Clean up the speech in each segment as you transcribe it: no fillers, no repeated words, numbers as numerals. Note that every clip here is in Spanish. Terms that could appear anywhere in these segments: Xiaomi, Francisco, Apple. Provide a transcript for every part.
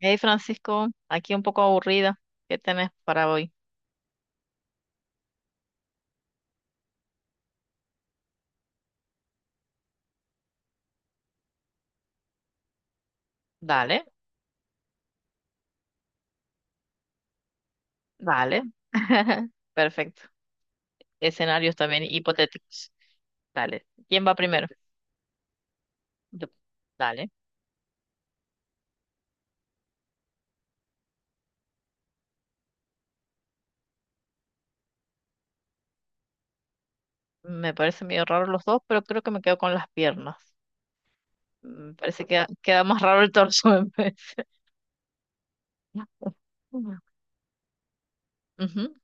Hey Francisco, aquí un poco aburrida. ¿Qué tenés para hoy? Dale, dale. Perfecto. Escenarios también hipotéticos. Dale. ¿Quién va primero? Yo. Dale. Me parece medio raro los dos, pero creo que me quedo con las piernas. Me parece que queda más raro el torso en vez. Ujú.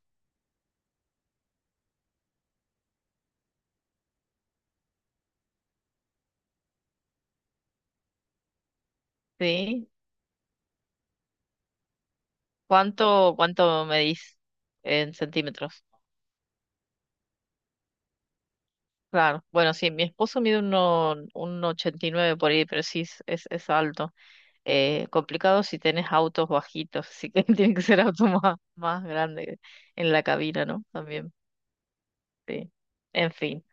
Sí. ¿Cuánto medís en centímetros? Claro. Bueno, sí, mi esposo mide uno, un 89 por ahí, pero sí es alto. Complicado si tenés autos bajitos, así que tiene que ser auto más grande en la cabina, ¿no? También, sí. En fin,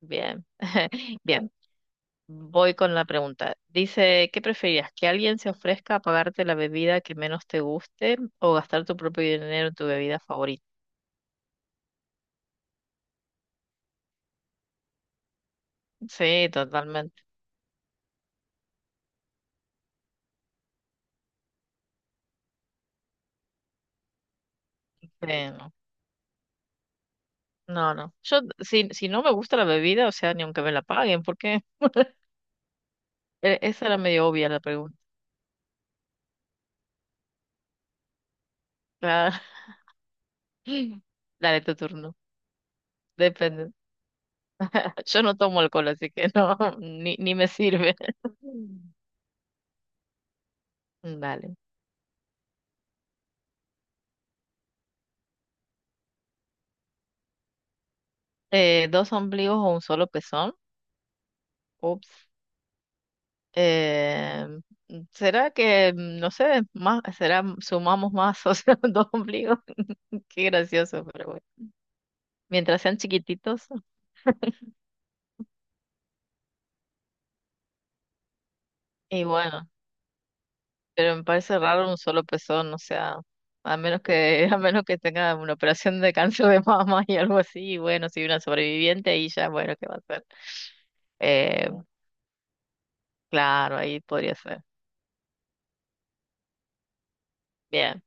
bien. Bien, voy con la pregunta. Dice, ¿qué preferías? ¿Que alguien se ofrezca a pagarte la bebida que menos te guste o gastar tu propio dinero en tu bebida favorita? Sí, totalmente. Sí, no. No, no. Yo, si no me gusta la bebida, o sea, ni aunque me la paguen, porque esa era medio obvia la pregunta. Claro. Dale tu turno. Depende. Yo no tomo alcohol, así que no, ni me sirve. Dale. ¿Dos ombligos o un solo pezón? Ups. Eh, ¿Será que, no sé, más, sumamos más, o sea, dos ombligos? Qué gracioso, pero bueno. Mientras sean chiquititos, y bueno, pero me parece raro un solo pezón, o sea, a menos que, a menos que tenga una operación de cáncer de mama y algo así, y bueno, si una sobreviviente, y ya, bueno, ¿qué va a hacer? Eh, Claro, ahí podría ser. Bien,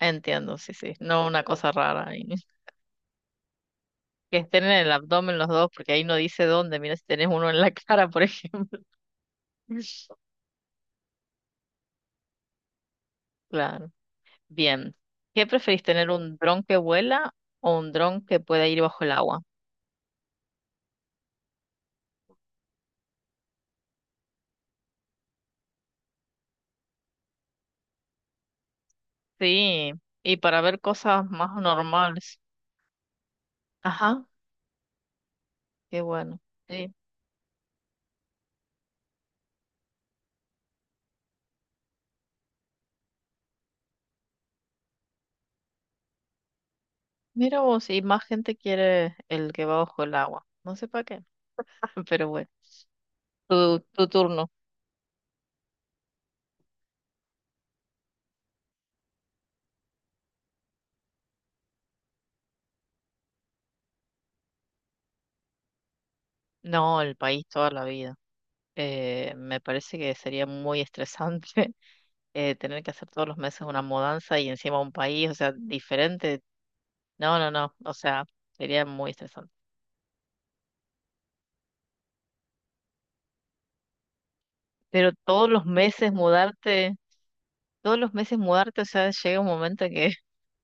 entiendo, sí, sí. No una cosa rara ahí. Que estén en el abdomen los dos, porque ahí no dice dónde. Mira si tenés uno en la cara, por ejemplo. Claro. Bien. ¿Qué preferís, tener un dron que vuela o un dron que pueda ir bajo el agua? Sí, y para ver cosas más normales. Ajá, qué bueno. Sí. Mira vos, y más gente quiere el que va bajo el agua. No sé para qué, pero bueno. Tu turno. No, el país toda la vida. Me parece que sería muy estresante tener que hacer todos los meses una mudanza y encima un país, o sea, diferente. No, no, no, o sea, sería muy estresante. Pero todos los meses mudarte, o sea, llega un momento que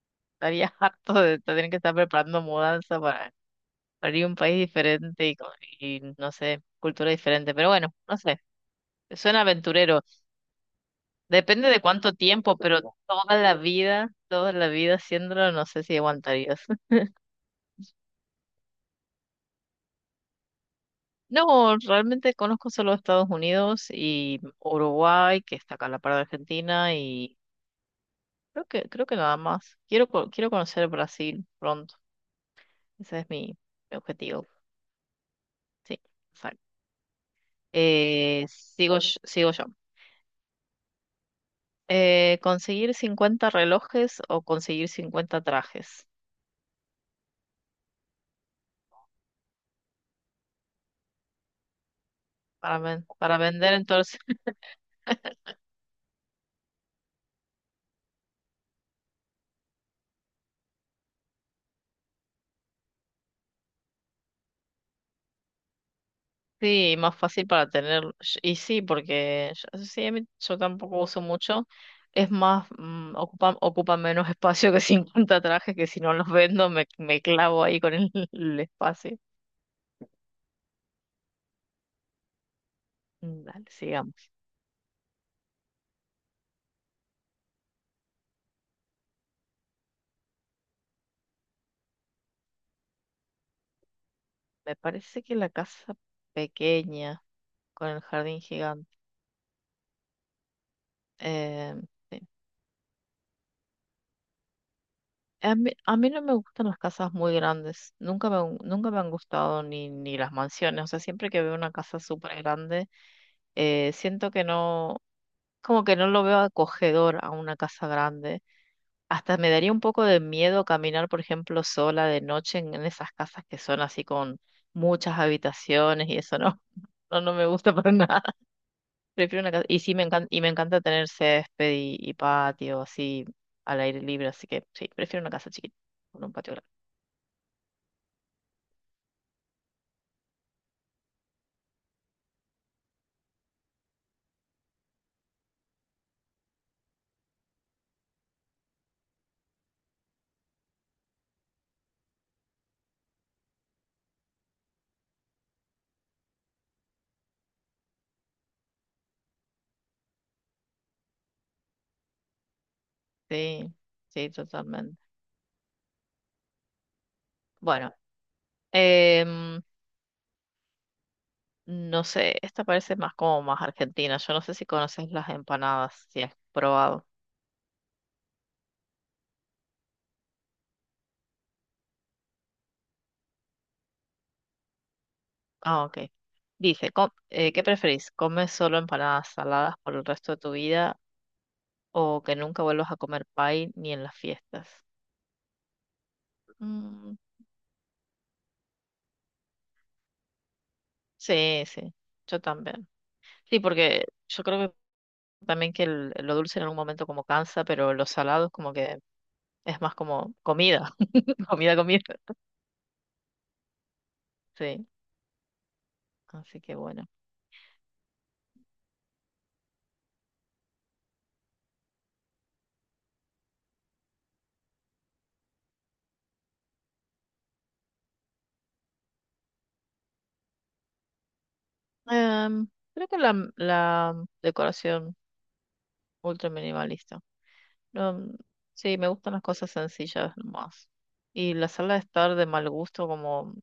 estarías harto de tener que estar preparando mudanza para ir a un país diferente y, no sé, cultura diferente. Pero bueno, no sé, suena aventurero. Depende de cuánto tiempo, pero toda la vida haciéndolo, no sé si aguantarías. No, realmente conozco solo Estados Unidos y Uruguay, que está acá a la par de Argentina, y creo que nada más. Quiero conocer Brasil pronto. Ese es mi objetivo. Sí, exacto. Sigo yo. Conseguir 50 relojes o conseguir 50 trajes para vender en todo. Sí, más fácil para tener, y sí, porque yo, sí, yo tampoco uso mucho, es más, ocupa menos espacio que 50 trajes, que si no los vendo me clavo ahí con el, el espacio. Mm, dale, sigamos. Me parece que la casa pequeña, con el jardín gigante. eh, sí. A mí no me gustan las casas muy grandes, nunca me han gustado ni las mansiones, o sea, siempre que veo una casa súper grande siento que no, como que no lo veo acogedor a una casa grande. Hasta me daría un poco de miedo caminar, por ejemplo, sola de noche en esas casas que son así con muchas habitaciones y eso no, no me gusta para nada. Prefiero una casa. Y sí, me encanta, y me encanta tener césped y patio así al aire libre, así que sí, prefiero una casa chiquita con un patio grande. Sí, sí, totalmente. Bueno, em, no sé, esta parece más como más argentina. Yo no sé si conoces las empanadas, si has probado. Ah, ok. Dice, ¿qué preferís? ¿Comes solo empanadas saladas por el resto de tu vida o que nunca vuelvas a comer pie ni en las fiestas? Mm, sí, sí, yo también. Sí, porque yo creo que también que lo dulce en algún momento como cansa, pero los salados como que es más como comida, comida, comida. Sí, así que bueno. Em, Creo que la decoración ultra minimalista. No, sí, me gustan las cosas sencillas más. Y la sala de estar de mal gusto, como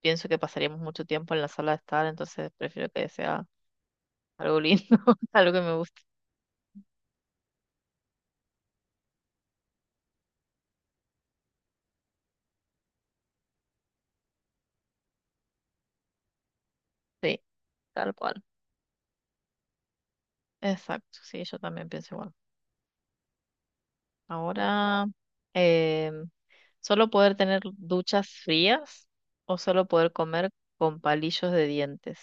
pienso que pasaríamos mucho tiempo en la sala de estar, entonces prefiero que sea algo lindo, algo que me guste. Sí, tal cual. Exacto, sí, yo también pienso igual. Ahora, em, solo poder tener duchas frías o solo poder comer con palillos de dientes.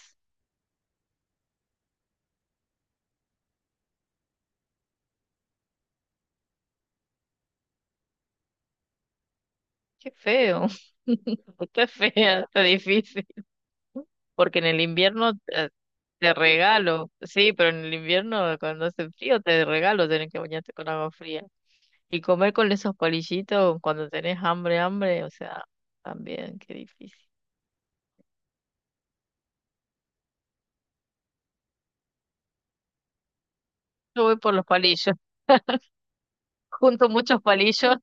Qué feo. Está fea, está difícil. Porque en el invierno te regalo, sí, pero en el invierno cuando hace frío te regalo tener que bañarte con agua fría. Y comer con esos palillitos cuando tenés hambre, hambre, o sea, también qué difícil. Yo voy por los palillos, junto muchos palillos,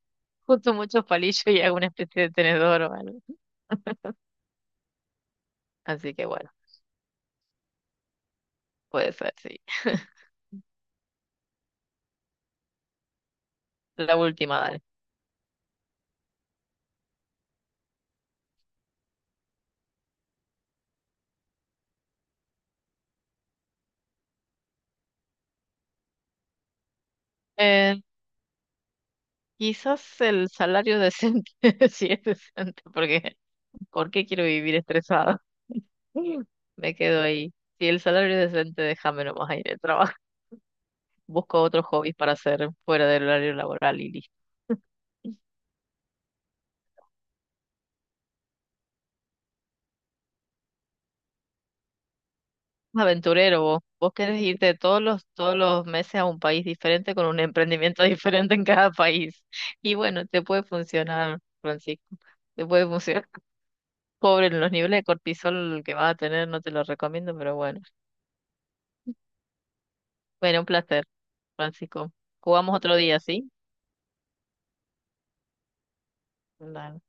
junto muchos palillos y hago una especie de tenedor o algo. Así que bueno, puede ser, sí. La última, dale. Eh, Quizás el salario decente, si es decente, porque ¿por qué quiero vivir estresado? Me quedo ahí. Si el salario es decente, déjame nomás ahí de trabajo. Busco otros hobbies para hacer fuera del horario laboral y listo. Aventurero vos. Vos querés irte todos los meses a un país diferente con un emprendimiento diferente en cada país. Y bueno, te puede funcionar, Francisco. Te puede funcionar. Pobre, los niveles de cortisol que vas a tener, no te lo recomiendo, pero bueno. Bueno, un placer, Francisco. Jugamos otro día, ¿sí? Dale,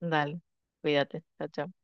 dale. Cuídate. Chao, chao.